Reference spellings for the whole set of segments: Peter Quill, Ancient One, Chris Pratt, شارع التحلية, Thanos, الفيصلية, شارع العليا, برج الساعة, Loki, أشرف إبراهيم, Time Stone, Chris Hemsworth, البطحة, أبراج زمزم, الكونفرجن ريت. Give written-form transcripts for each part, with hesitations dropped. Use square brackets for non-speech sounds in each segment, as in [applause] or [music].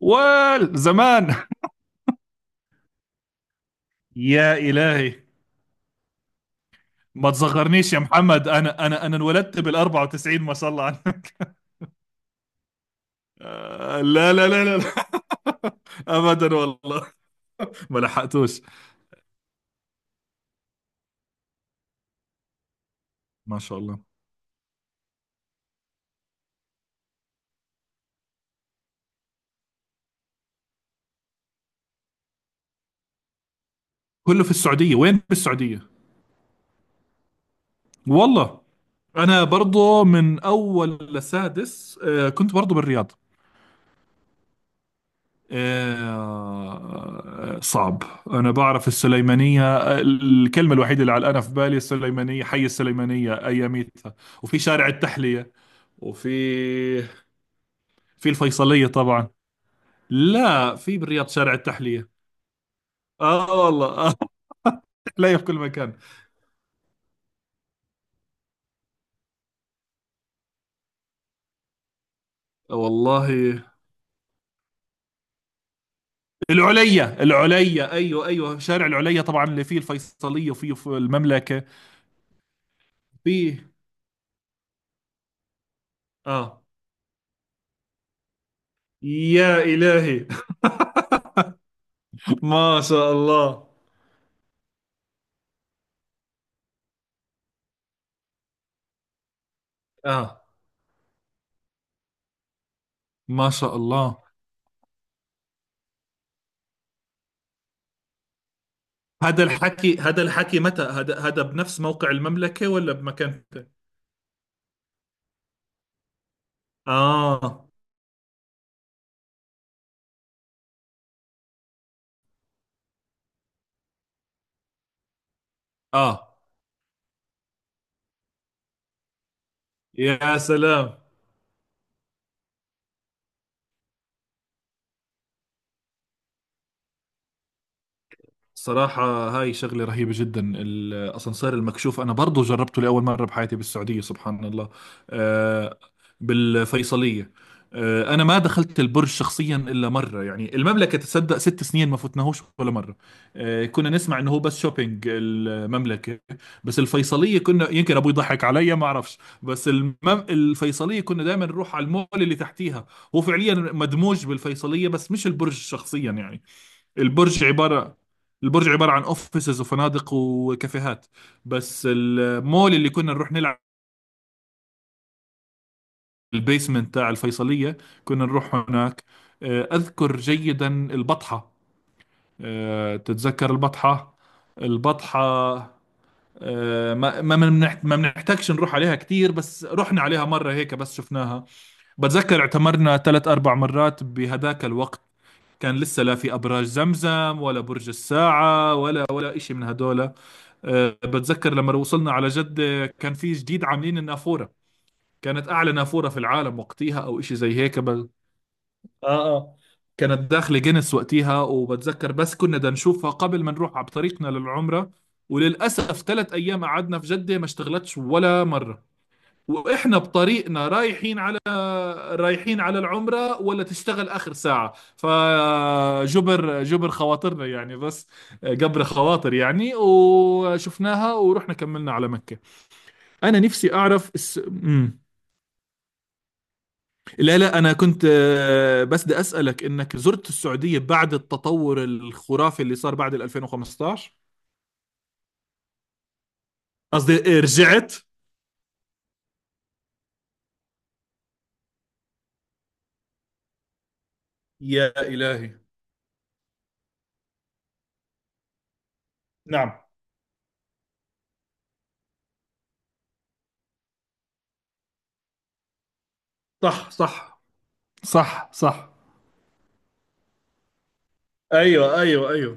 والزمان. يا إلهي، ما تصغرنيش يا محمد. أنا انولدت بال 94، ما شاء الله عنك. آه، لا لا لا لا, لا. [laughs] أبدا والله، ما لحقتوش. ما شاء الله. كله في السعودية، وين في السعودية؟ والله أنا برضو من أول لسادس، كنت برضو بالرياض. صعب. أنا بعرف السليمانية، الكلمة الوحيدة اللي علقانة في بالي السليمانية، حي السليمانية أياميتها. وفي شارع التحلية، وفي الفيصلية طبعا. لا، في بالرياض شارع التحلية. آه والله، آه. [laughs] تحلية في كل مكان. والله، العليا العليا، أيوه أيوه، شارع العليا طبعا اللي فيه الفيصلية وفيه في المملكة. فيه. آه. يا إلهي. [laughs] ما شاء الله. آه. ما شاء الله. هذا الحكي متى هذا بنفس موقع المملكة ولا بمكان ثاني؟ آه آه. يا سلام. صراحة هاي شغلة رهيبة جدا، الأسانسير المكشوف. أنا برضو جربته لأول مرة بحياتي بالسعودية، سبحان الله. آه، بالفيصلية. أنا ما دخلت البرج شخصيا إلا مرة، يعني المملكة تصدق ست سنين ما فتناهوش ولا مرة. كنا نسمع إنه هو بس شوبينج المملكة. بس الفيصلية كنا يمكن أبوي يضحك علي، ما أعرفش. بس المم... الفيصلية كنا دائما نروح على المول اللي تحتيها. هو فعليا مدموج بالفيصلية، بس مش البرج شخصيا يعني. البرج عبارة البرج عبارة عن اوفيسز وفنادق وكافيهات. بس المول اللي كنا نروح نلعب، البيسمنت تاع الفيصلية، كنا نروح هناك. أذكر جيدا البطحة. تتذكر البطحة؟ البطحة. ما بنحتاجش نروح عليها كتير، بس رحنا عليها مرة هيك بس شفناها. بتذكر اعتمرنا ثلاث أربع مرات بهداك الوقت. كان لسه لا في أبراج زمزم ولا برج الساعة ولا إشي من هدول. بتذكر لما وصلنا على جدة كان في جديد عاملين النافورة، كانت أعلى نافورة في العالم وقتها أو إشي زي هيك بل. اه اه. كانت داخلة جينيس وقتها، وبتذكر بس كنا بدنا نشوفها قبل ما نروح على طريقنا للعمرة. وللأسف ثلاث أيام قعدنا في جدة ما اشتغلتش ولا مرة، واحنا بطريقنا رايحين على العمرة، ولا تشتغل اخر ساعة. فجبر، جبر خواطرنا يعني، بس جبر خواطر يعني، وشفناها ورحنا كملنا على مكة. انا نفسي اعرف الس... مم. لا لا، انا كنت، بس بدي اسالك، انك زرت السعودية بعد التطور الخرافي اللي صار بعد ال 2015؟ قصدي إيه، رجعت؟ يا إلهي. نعم. صح صح صح صح. ايوه ايوه ايوه.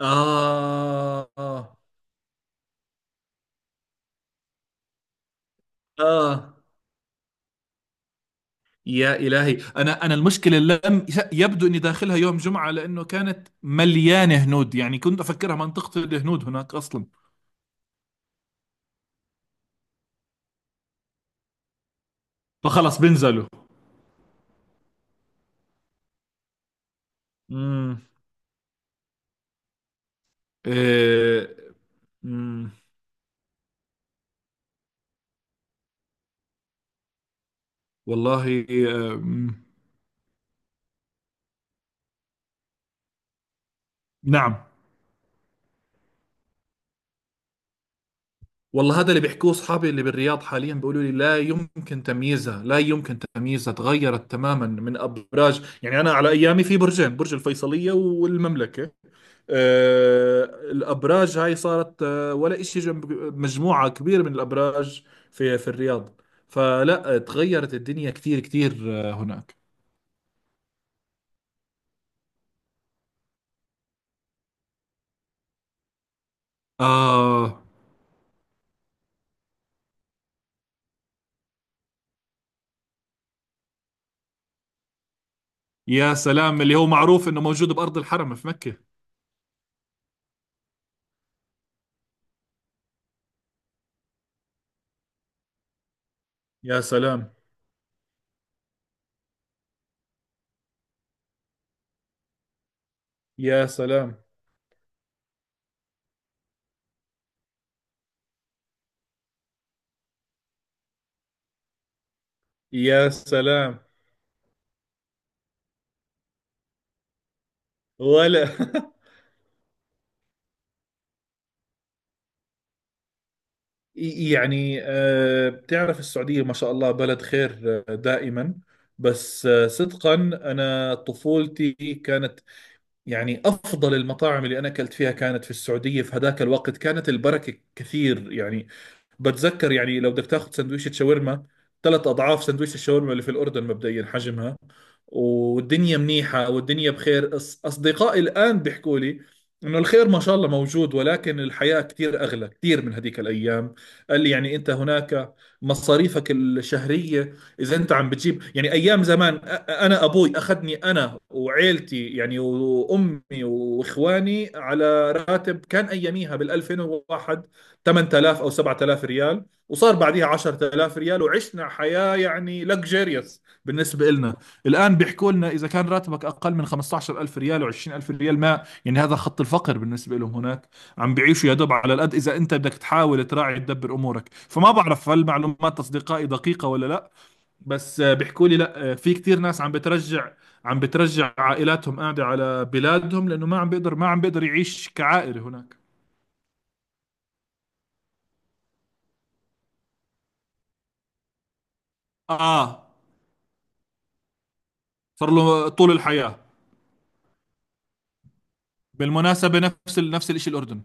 آه آه. آه. يا إلهي. أنا المشكلة لم يبدو إني داخلها يوم جمعة، لأنه كانت مليانة هنود، يعني كنت أفكرها منطقة الهنود هناك أصلا. فخلص بنزلوا. امم إيه. امم والله. نعم. والله هذا اللي بيحكوه أصحابي اللي بالرياض حاليا، بيقولوا لي لا يمكن تمييزها، لا يمكن تمييزها، تغيرت تماما من أبراج. يعني أنا على أيامي في برجين، برج الفيصلية والمملكة. الأبراج هاي صارت، ولا إشي جنب مجموعة كبيرة من الأبراج في الرياض. فلا، تغيرت الدنيا كثير كثير. هناك. آه. يا سلام، اللي هو معروف إنه موجود بأرض الحرم في مكة. يا سلام. يا سلام. يا سلام. ولا [laughs] يعني بتعرف السعودية ما شاء الله بلد خير. دائما. بس صدقا، أنا طفولتي كانت، يعني أفضل المطاعم اللي أنا أكلت فيها كانت في السعودية، في هذاك الوقت كانت البركة كثير يعني. بتذكر يعني لو بدك تاخذ سندويشة شاورما، ثلاث اضعاف سندويشة الشاورما اللي في الاردن مبدئيا حجمها. والدنيا منيحة والدنيا بخير. اصدقائي الان بيحكوا لي انه الخير ما شاء الله موجود، ولكن الحياة كثير اغلى كثير من هذيك الايام. قال لي يعني انت هناك، مصاريفك الشهرية اذا انت عم بتجيب يعني ايام زمان. انا ابوي اخذني انا وعيلتي يعني، وامي واخواني، على راتب كان اياميها بال2001، 8000 او 7000 ريال، وصار بعديها 10000 ريال، وعشنا حياه يعني لكجيريوس بالنسبه لنا. الان بيحكوا لنا اذا كان راتبك اقل من 15000 ريال و20000 ريال، ما يعني هذا خط الفقر بالنسبه لهم هناك. عم بيعيشوا يا دوب على القد، اذا انت بدك تحاول تراعي تدبر امورك. فما بعرف هل معلومات اصدقائي دقيقه ولا لا، بس بيحكوا لي لا، في كتير ناس عم بترجع، عائلاتهم قاعده على بلادهم، لانه ما عم بيقدر، يعيش كعائله هناك. اه، صار له طول الحياه. بالمناسبه نفس الشيء الاردن.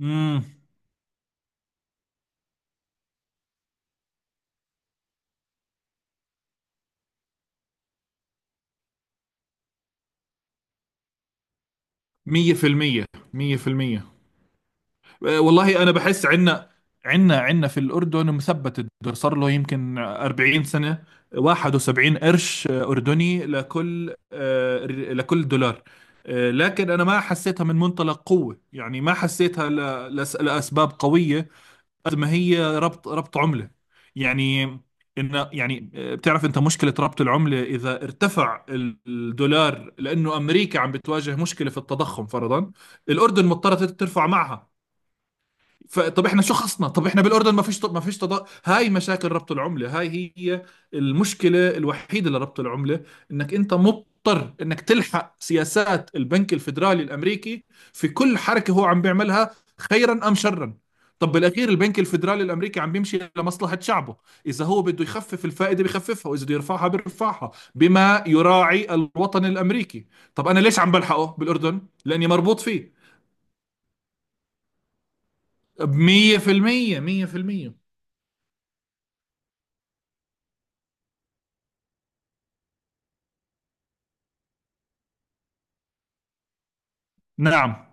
امم 100% 100%. والله انا بحس عندنا، عندنا في الاردن مثبت الدولار صار له يمكن 40 سنه، 71 قرش اردني لكل لكل دولار. لكن انا ما حسيتها من منطلق قوه، يعني ما حسيتها لاسباب قويه، قد ما هي ربط عملة يعني. إن يعني بتعرف أنت مشكلة ربط العملة، إذا ارتفع الدولار لأنه أمريكا عم بتواجه مشكلة في التضخم فرضا، الأردن مضطرة ترفع معها. فطب احنا شو خصنا؟ طب احنا بالاردن ما فيش، تضاد، هاي مشاكل ربط العمله هاي هي. المشكله الوحيده لربط العمله انك انت مضطر انك تلحق سياسات البنك الفيدرالي الامريكي في كل حركه هو عم بيعملها، خيرا ام شرا. طب بالاخير البنك الفيدرالي الامريكي عم بيمشي لمصلحه شعبه. اذا هو بده يخفف الفائده بخففها، واذا بده يرفعها بيرفعها، بما يراعي الوطن الامريكي. طب انا ليش عم بلحقه بالاردن؟ لاني مربوط فيه. 100% 100%. نعم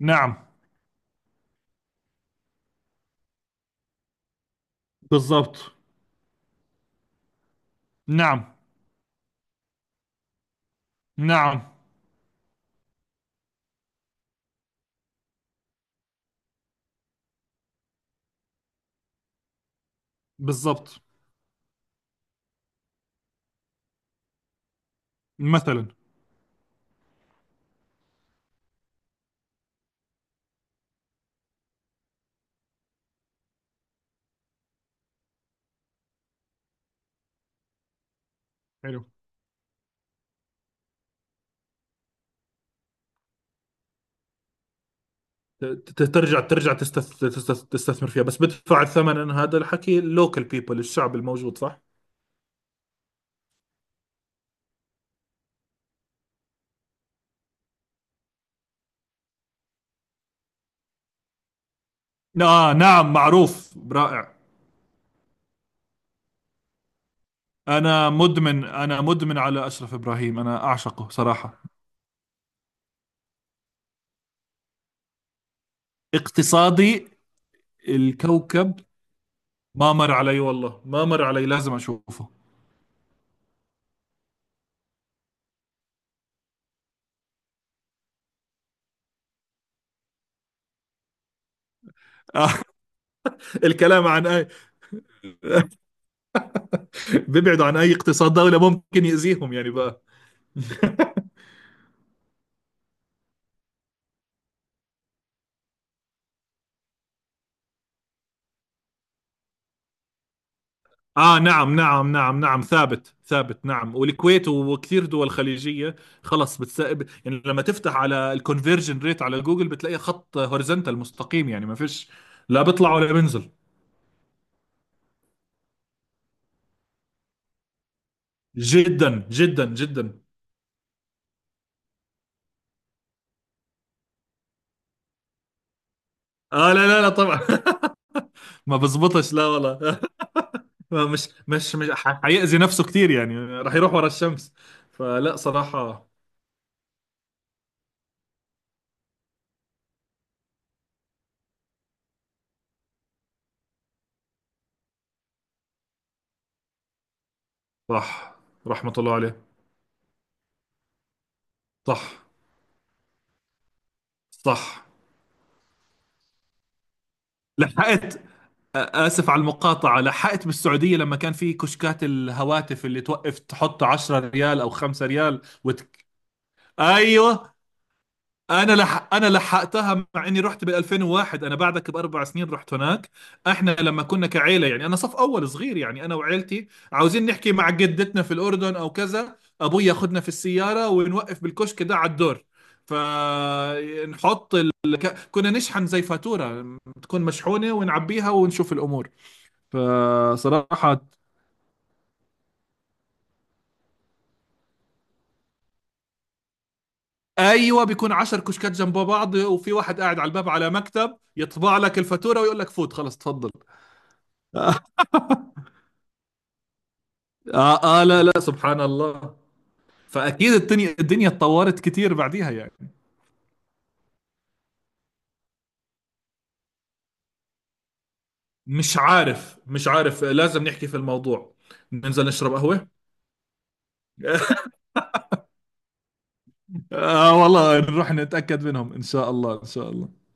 نعم بالضبط. نعم نعم بالضبط. مثلا. حلو. ترجع تستثمر فيها، بس بدفع الثمن، هذا الحكي اللوكل بيبل، الشعب الموجود، صح؟ آه نعم، معروف، رائع. أنا مدمن، أنا مدمن على أشرف إبراهيم، أنا أعشقه صراحة. اقتصادي الكوكب. ما مر علي والله، ما مر علي، لازم أشوفه [laughs] الكلام عن اي؟ بيبعدوا عن اي اقتصاد دولة ممكن يأذيهم يعني بقى. اه نعم نعم نعم نعم، ثابت ثابت، نعم، والكويت وكثير دول خليجيه. يعني لما تفتح على الكونفرجن ريت على جوجل بتلاقي خط هوريزونتال مستقيم، يعني ما فيش، لا بيطلع ولا بينزل. جدا جدا جدا. اه لا لا لا طبعا [laughs] ما بزبطش، لا والله. [laughs] ما مش مش مش ح- حيأذي نفسه كثير، يعني راح يروح ورا الشمس. فلا صراحه. صح، رحمه الله عليه. صح صح. لحقت، آسف على المقاطعة، لحقت بالسعودية لما كان في كشكات الهواتف اللي توقف تحط 10 ريال أو 5 ريال أيوه. أنا لحقتها، مع إني رحت بال 2001، أنا بعدك بأربع سنين رحت هناك. إحنا لما كنا كعيلة يعني، أنا صف أول صغير يعني، أنا وعيلتي عاوزين نحكي مع جدتنا في الأردن أو كذا، أبوي ياخدنا في السيارة ونوقف بالكشك ده على الدور. فنحط ال... كنا نشحن زي فاتورة تكون مشحونة، ونعبيها ونشوف الأمور، فصراحة. ايوه بيكون عشر كشكات جنب بعض، وفي واحد قاعد على الباب على مكتب يطبع لك الفاتورة ويقول لك فوت، خلاص، اتفضل [laughs] آه, اه اه، لا لا، سبحان الله. فاكيد الدنيا اتطورت كتير بعديها يعني. مش عارف، مش عارف، لازم نحكي في الموضوع، ننزل نشرب قهوة [laughs] آه والله، نروح نتأكد منهم إن شاء الله إن شاء الله.